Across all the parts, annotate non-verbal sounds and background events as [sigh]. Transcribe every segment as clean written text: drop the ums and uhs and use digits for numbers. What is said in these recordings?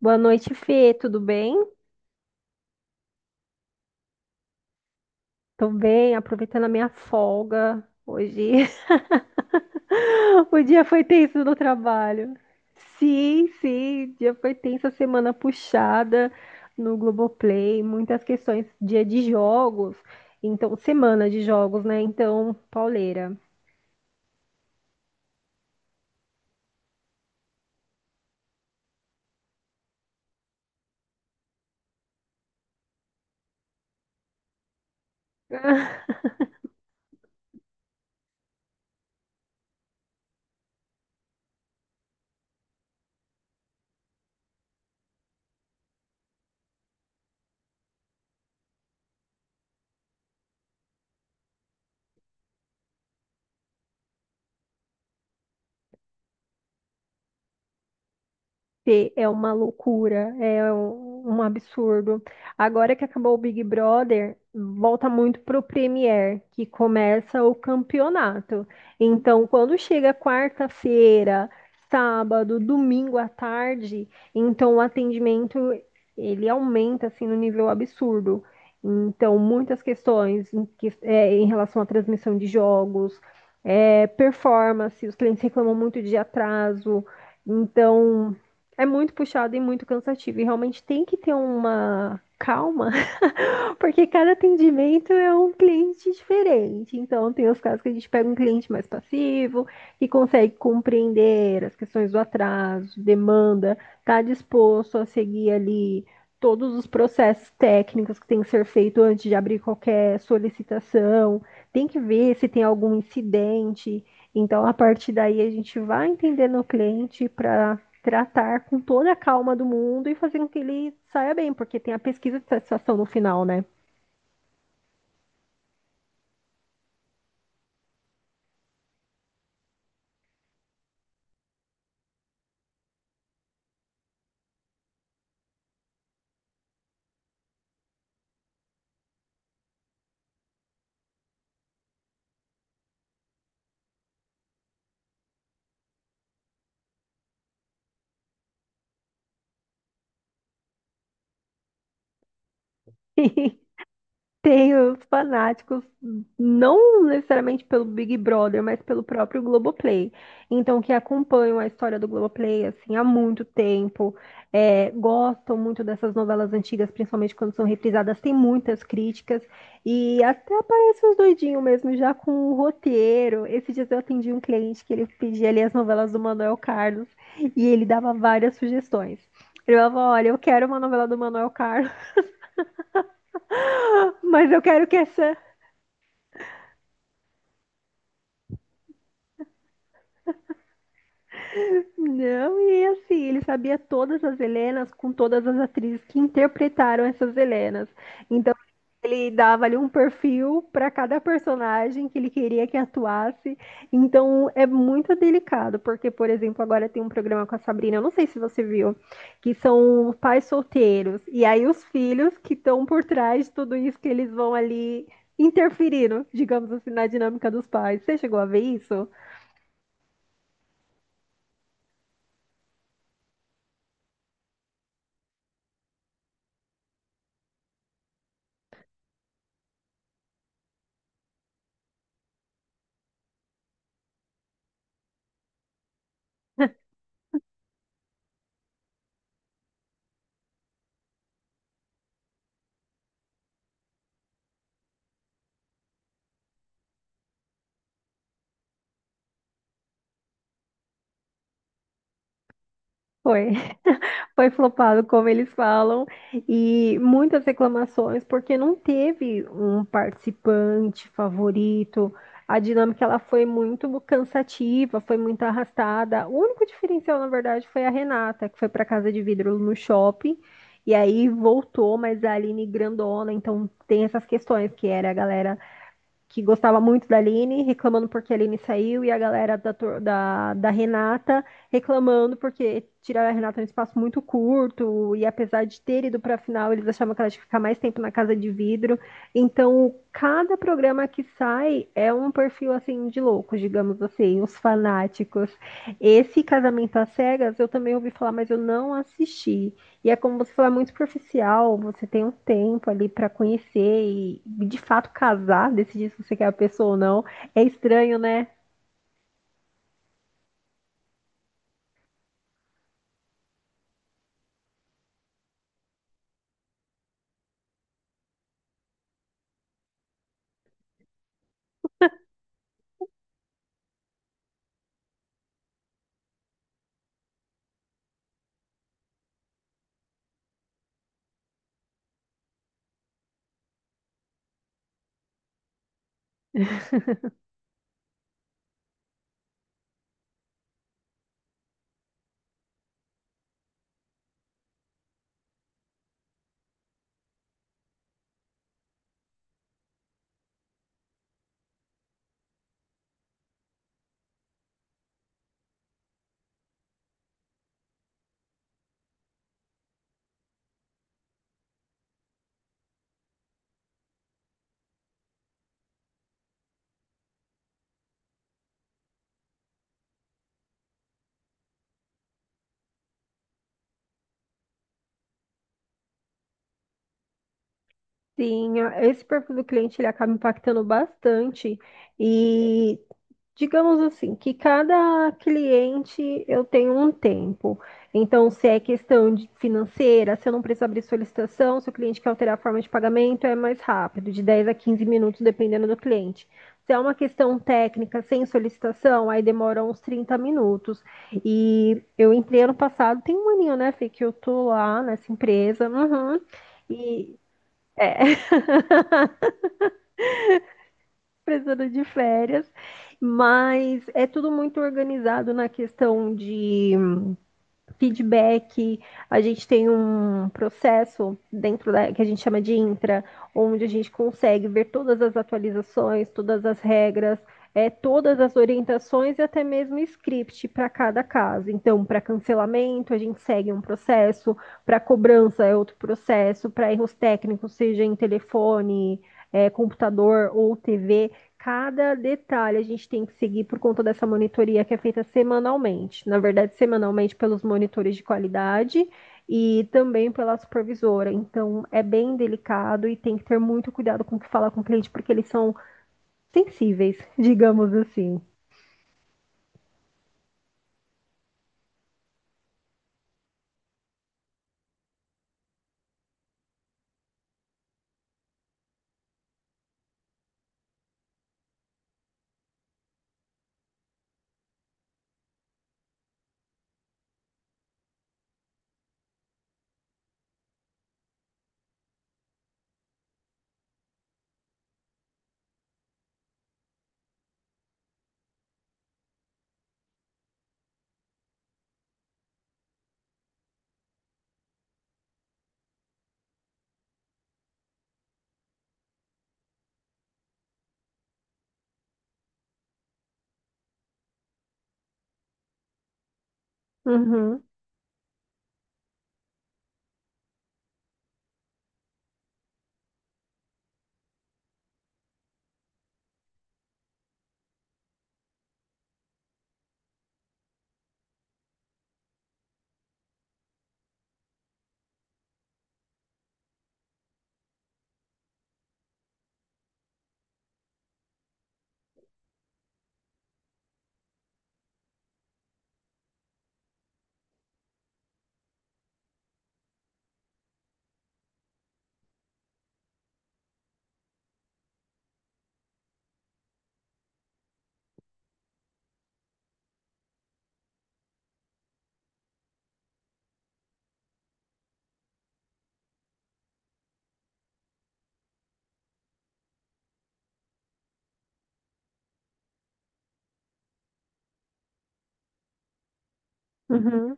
Boa noite, Fê. Tudo bem? Tô bem, aproveitando a minha folga hoje. [laughs] O dia foi tenso no trabalho. Sim, sim, o dia foi tenso, a semana puxada no Globoplay, muitas questões, dia de jogos, então semana de jogos, né? Então, pauleira. [laughs] ter é uma loucura, é um absurdo. Agora que acabou o Big Brother, volta muito pro Premier, que começa o campeonato. Então, quando chega quarta-feira, sábado, domingo à tarde, então o atendimento ele aumenta assim no nível absurdo. Então, muitas questões é, em relação à transmissão de jogos, performance, os clientes reclamam muito de atraso. Então, é muito puxado e muito cansativo. E realmente tem que ter uma calma porque cada atendimento é um cliente diferente. Então, tem os casos que a gente pega um cliente mais passivo, que consegue compreender as questões do atraso, demanda, está disposto a seguir ali todos os processos técnicos que tem que ser feito antes de abrir qualquer solicitação, tem que ver se tem algum incidente. Então, a partir daí, a gente vai entendendo o cliente para tratar com toda a calma do mundo e fazer com que ele saia bem, porque tem a pesquisa de satisfação no final, né? E [laughs] tem os fanáticos, não necessariamente pelo Big Brother, mas pelo próprio Globoplay. Então, que acompanham a história do Globoplay, assim, há muito tempo, gostam muito dessas novelas antigas, principalmente quando são reprisadas, tem muitas críticas, e até aparece uns doidinhos mesmo, já com o roteiro. Esses dias eu atendi um cliente que ele pedia ali as novelas do Manuel Carlos, e ele dava várias sugestões. Ele falava, olha, eu quero uma novela do Manuel Carlos, [laughs] mas eu quero que essa Não, e assim, ele sabia todas as Helenas com todas as atrizes que interpretaram essas Helenas. Então, ele dava ali um perfil para cada personagem que ele queria que atuasse. Então, é muito delicado, porque, por exemplo, agora tem um programa com a Sabrina, eu não sei se você viu, que são pais solteiros. E aí, os filhos que estão por trás de tudo isso, que eles vão ali interferindo, digamos assim, na dinâmica dos pais. Você chegou a ver isso? Foi. [laughs] Foi flopado, como eles falam, e muitas reclamações, porque não teve um participante favorito. A dinâmica ela foi muito cansativa, foi muito arrastada. O único diferencial, na verdade, foi a Renata, que foi para Casa de Vidro no shopping, e aí voltou, mas é a Aline grandona, então tem essas questões que era a galera que gostava muito da Aline, reclamando porque a Aline saiu, e a galera da Renata reclamando porque tiraram a Renata num espaço muito curto, e apesar de ter ido para a final, eles achavam que ela tinha que ficar mais tempo na casa de vidro. Então, cada programa que sai é um perfil assim de loucos, digamos assim, os fanáticos. Esse Casamento às Cegas eu também ouvi falar, mas eu não assisti. E é como você falar muito superficial, você tem um tempo ali pra conhecer e de fato casar, decidir se você quer a pessoa ou não. É estranho, né? Sim, esse perfil do cliente ele acaba impactando bastante. E digamos assim, que cada cliente eu tenho um tempo. Então, se é questão de financeira, se eu não preciso abrir solicitação, se o cliente quer alterar a forma de pagamento, é mais rápido, de 10 a quinze minutos, dependendo do cliente. Se é uma questão técnica sem solicitação, aí demora uns 30 minutos. E eu entrei ano passado, tem um aninho, né, Fê, que eu tô lá nessa empresa. Uhum, e precisando de férias, mas é tudo muito organizado na questão de feedback, a gente tem um processo dentro da, que a gente chama de intra, onde a gente consegue ver todas as atualizações, todas as regras, todas as orientações e até mesmo script para cada caso. Então, para cancelamento, a gente segue um processo, para cobrança é outro processo, para erros técnicos, seja em telefone, computador ou TV, cada detalhe a gente tem que seguir por conta dessa monitoria que é feita semanalmente. Na verdade, semanalmente pelos monitores de qualidade e também pela supervisora. Então, é bem delicado e tem que ter muito cuidado com o que falar com o cliente, porque eles são sensíveis, [laughs] digamos assim. Uhum, uhum.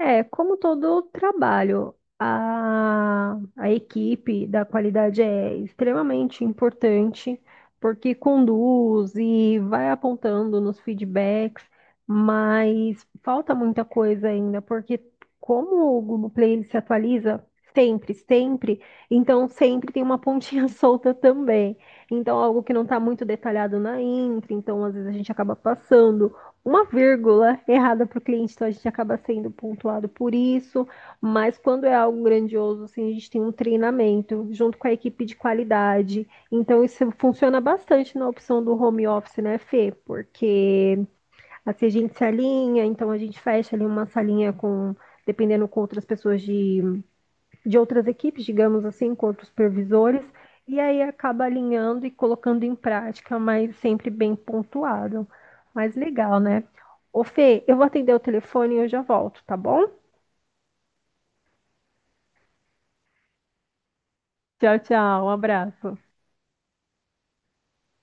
É, como todo trabalho, a equipe da qualidade é extremamente importante, porque conduz e vai apontando nos feedbacks, mas falta muita coisa ainda, porque como o Google Play ele se atualiza sempre, sempre, então sempre tem uma pontinha [laughs] solta também. Então, algo que não está muito detalhado na intro, então às vezes a gente acaba passando uma vírgula errada para o cliente, então a gente acaba sendo pontuado por isso, mas quando é algo grandioso, assim, a gente tem um treinamento junto com a equipe de qualidade. Então isso funciona bastante na opção do home office, né, Fê? Porque assim a gente se alinha, então a gente fecha ali uma salinha com, dependendo com outras pessoas de outras equipes, digamos assim, com outros supervisores, e aí acaba alinhando e colocando em prática, mas sempre bem pontuado. Mas legal, né? Ô Fê, eu vou atender o telefone e eu já volto, tá bom? Tchau, tchau, um abraço.